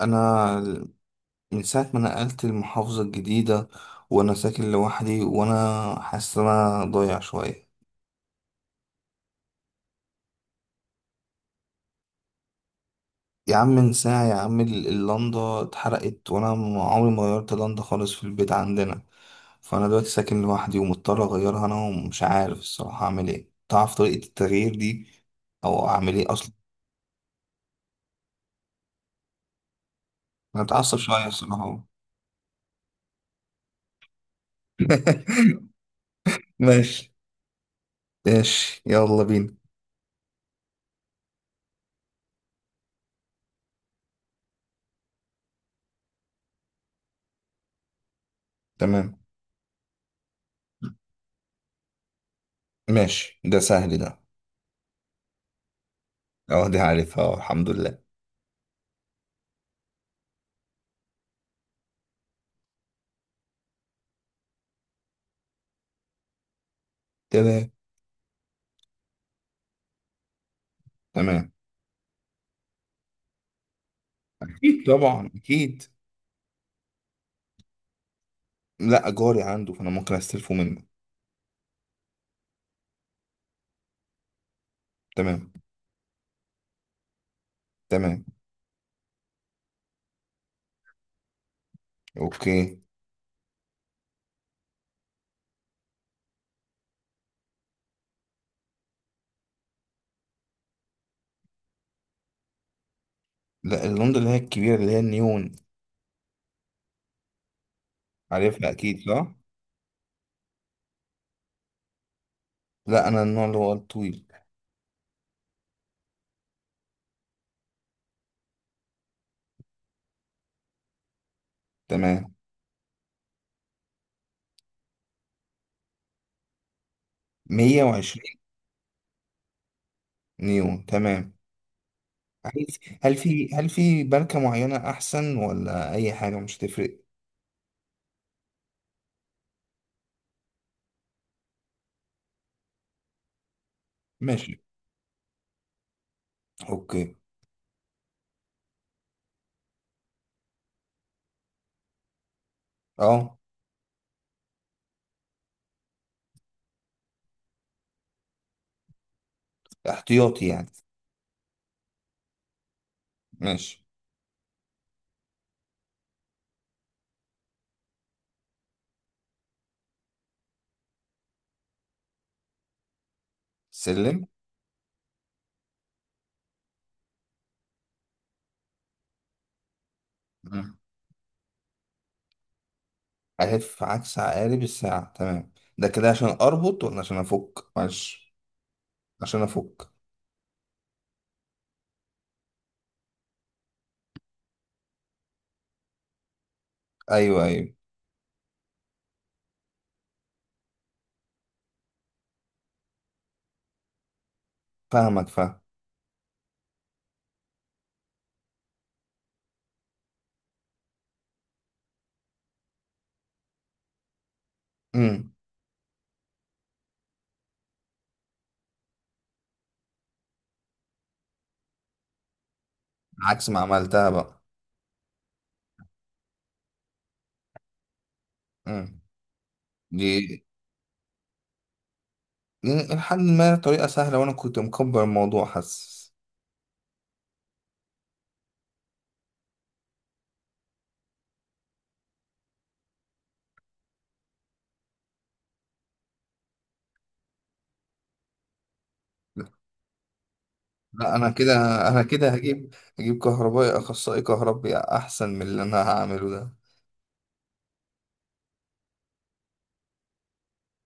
انا من ساعه ما نقلت المحافظه الجديده، وانا ساكن لوحدي وانا حاسس ان انا ضايع شويه. يا عم من ساعه يا عم اللندا اتحرقت، وانا عمري ما غيرت لندا خالص في البيت عندنا. فانا دلوقتي ساكن لوحدي ومضطر اغيرها انا، ومش عارف الصراحه اعمل ايه. تعرف طريقه التغيير دي او اعمل ايه اصلا؟ انا اتعصب شويه الصراحه. ماشي. ماشي يلا بينا. تمام. ماشي ده سهل ده. اه دي عارفها الحمد لله. تمام. تمام. اكيد طبعا اكيد. لا جاري عنده فانا ممكن استلفه منه. تمام. تمام. اوكي. لا اللندا اللي هي الكبيره اللي هي النيون. عارفها اكيد صح. لا انا النوع اللي هو الطويل. تمام. 120. نيون. تمام. هل هل في ماركه معينه احسن ولا اي حاجه مش هتفرق؟ ماشي. اوكي. اه. احتياطي يعني. ماشي. سلم. ألف عكس عقارب الساعة تمام. ده كده عشان أربط ولا عشان أفك؟ معلش. عشان أفك. أيوه أيوه. فاهمك فاهم. امم عكس ما عملتها بقى. امم دي. دي لحد ما طريقة سهلة، وأنا كنت مكبر الموضوع حاسس. لا أنا كده. أنا كده هجيب كهربائي أخصائي كهربي، أحسن من اللي أنا هعمله ده.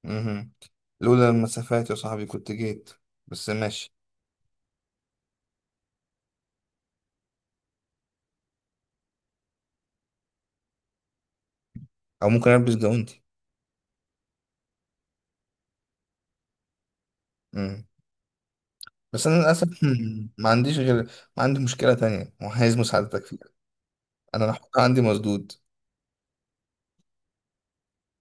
امم. لولا المسافات يا صاحبي كنت جيت، بس ماشي. أو ممكن ألبس جوانتي. بس انا للاسف ما عنديش غير. ما عندي مشكله تانية وعايز مساعدتك فيها. انا الحقيقه عندي مسدود.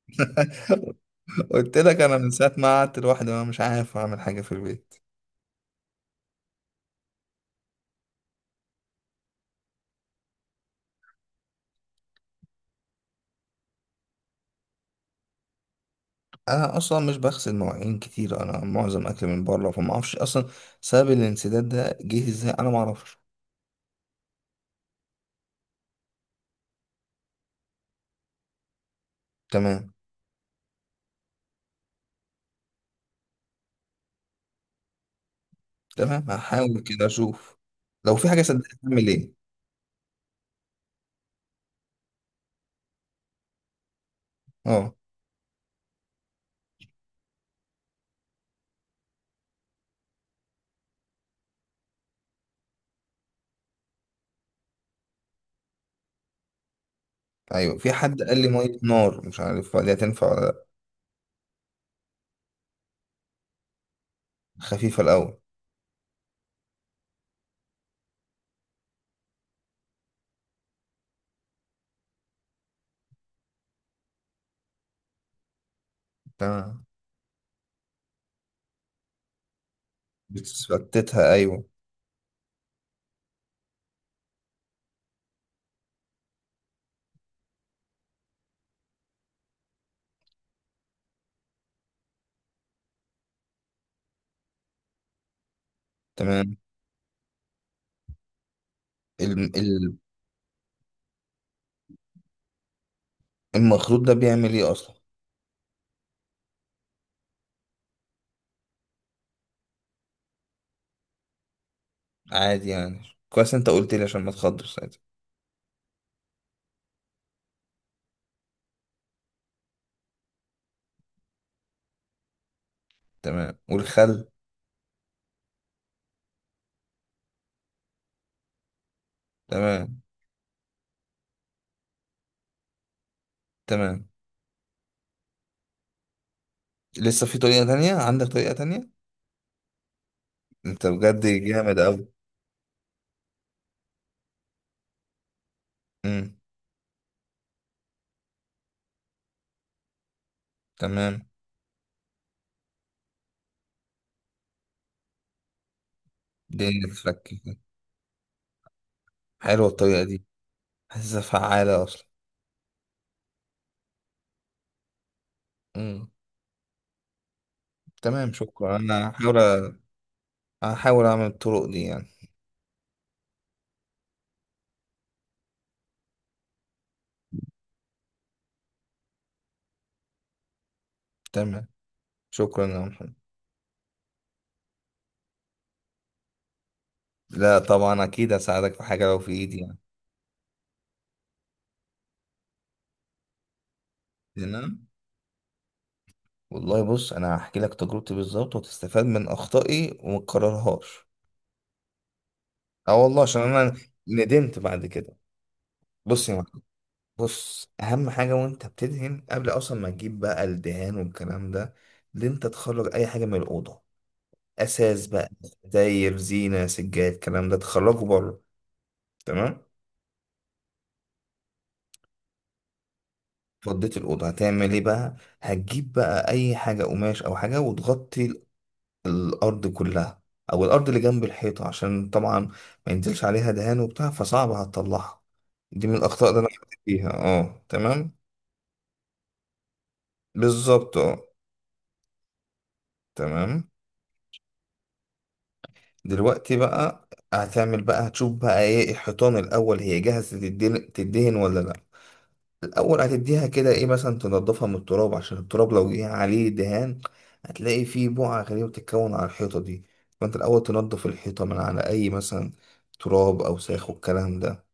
قلت لك انا من ساعه ما قعدت لوحدي وانا مش عارف اعمل حاجه في البيت. انا اصلا مش بغسل مواعين كتير، انا معظم اكل من بره، فما اعرفش اصلا سبب الانسداد ده جه ازاي، انا ما اعرفش. تمام. تمام هحاول كده اشوف. لو في حاجه صدقني اعمل ايه؟ اه. ايوه في حد قال لي ميه نار، مش عارف دي هتنفع ولا لأ. خفيفه الاول. تمام. بتثبتها ايوه. تمام. ال- ال- المخروط ده بيعمل ايه اصلا؟ عادي يعني. كويس انت قلت لي عشان ما تخضش ساعتها. تمام والخل. تمام. تمام. لسه في طريقة تانية؟ عندك طريقة تانية؟ انت بجد جامد اوي. امم. تمام. الدنيا تتفك كده. حلوة الطريقة دي. حاسسها فعالة اصلا. امم. تمام شكرا. هحاول اعمل الطرق دي يعني. تمام. شكرا يا محمد. لا طبعا اكيد هساعدك في حاجة لو في ايدي يعني. تمام والله. بص انا هحكي لك تجربتي بالظبط، وتستفاد من اخطائي وما تكررهاش. اه والله عشان انا ندمت بعد كده. بص يا معلم. بص اهم حاجه وانت بتدهن، قبل اصلا ما تجيب بقى الدهان والكلام ده، ان انت تخرج اي حاجه من الاوضه. اساس بقى داير زينه سجاد الكلام ده تخرجه بره. تمام. فضيت الاوضه هتعمل ايه بقى؟ هتجيب بقى اي حاجه قماش او حاجه وتغطي الأرض كلها، أو الأرض اللي جنب الحيطة عشان طبعا ما ينزلش عليها دهان وبتاع فصعب هتطلعها. دي من الأخطاء اللي أنا وقعت فيها. اه تمام. بالظبط اه. تمام. دلوقتي بقى هتعمل بقى، هتشوف بقى ايه الحيطان الأول هي جاهزة تدهن تدهن ولا لأ. الأول هتديها كده ايه مثلا، تنضفها من التراب، عشان التراب لو جه عليه دهان هتلاقي فيه بقع غريبة بتتكون على الحيطة دي. فأنت الأول تنضف الحيطة من على أي مثلا تراب أوساخ والكلام ده،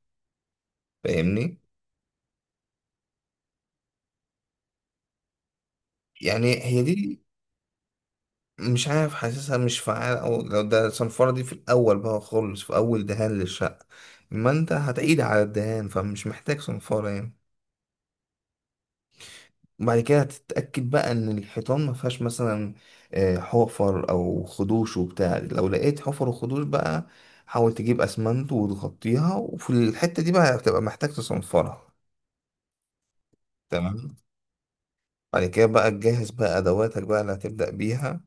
فاهمني؟ يعني هي دي. مش عارف حاسسها مش فعالة، أو لو ده صنفرة دي في الأول بقى خالص في أول دهان للشقة، ما أنت هتعيد على الدهان فمش محتاج صنفرة يعني. وبعد كده هتتأكد بقى إن الحيطان ما فيهاش مثلا حفر أو خدوش وبتاع. لو لقيت حفر وخدوش بقى، حاول تجيب أسمنت وتغطيها، وفي الحتة دي بقى هتبقى محتاج تصنفرها. تمام. بعد كده بقى تجهز بقى أدواتك بقى اللي هتبدأ بيها،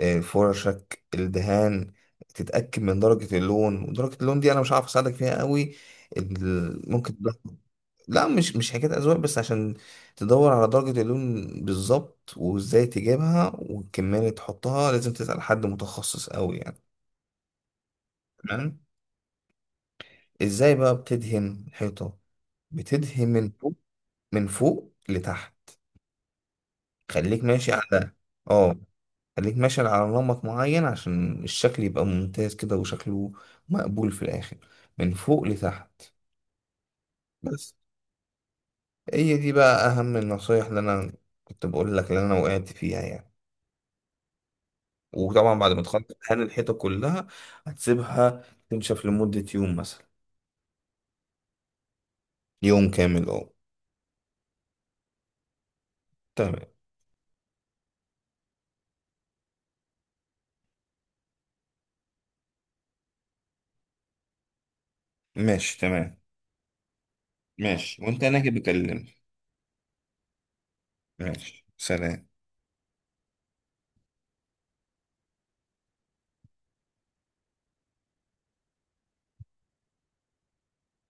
فرشك، الدهان. تتأكد من درجة اللون، ودرجة اللون دي أنا مش عارف أساعدك فيها قوي. ال- ممكن تدخل- لا مش حكاية أذواق، بس عشان تدور على درجة اللون بالظبط وإزاي تجيبها والكمية اللي تحطها لازم تسأل حد متخصص قوي يعني. تمام. إزاي بقى بتدهن الحيطة؟ بتدهن من فوق. من فوق لتحت. خليك ماشي على اه، خليك ماشي على نمط معين، عشان الشكل يبقى ممتاز كده، وشكله مقبول في الآخر. من فوق لتحت بس. هي دي بقى أهم النصايح اللي أنا كنت بقول لك، اللي أنا وقعت فيها يعني. وطبعا بعد ما تخلص دهان الحيطة كلها، هتسيبها تنشف لمدة يوم مثلا. يوم كامل أه. تمام. ماشي. تمام. ماشي وأنت هناك بكلمني. ماشي سلام.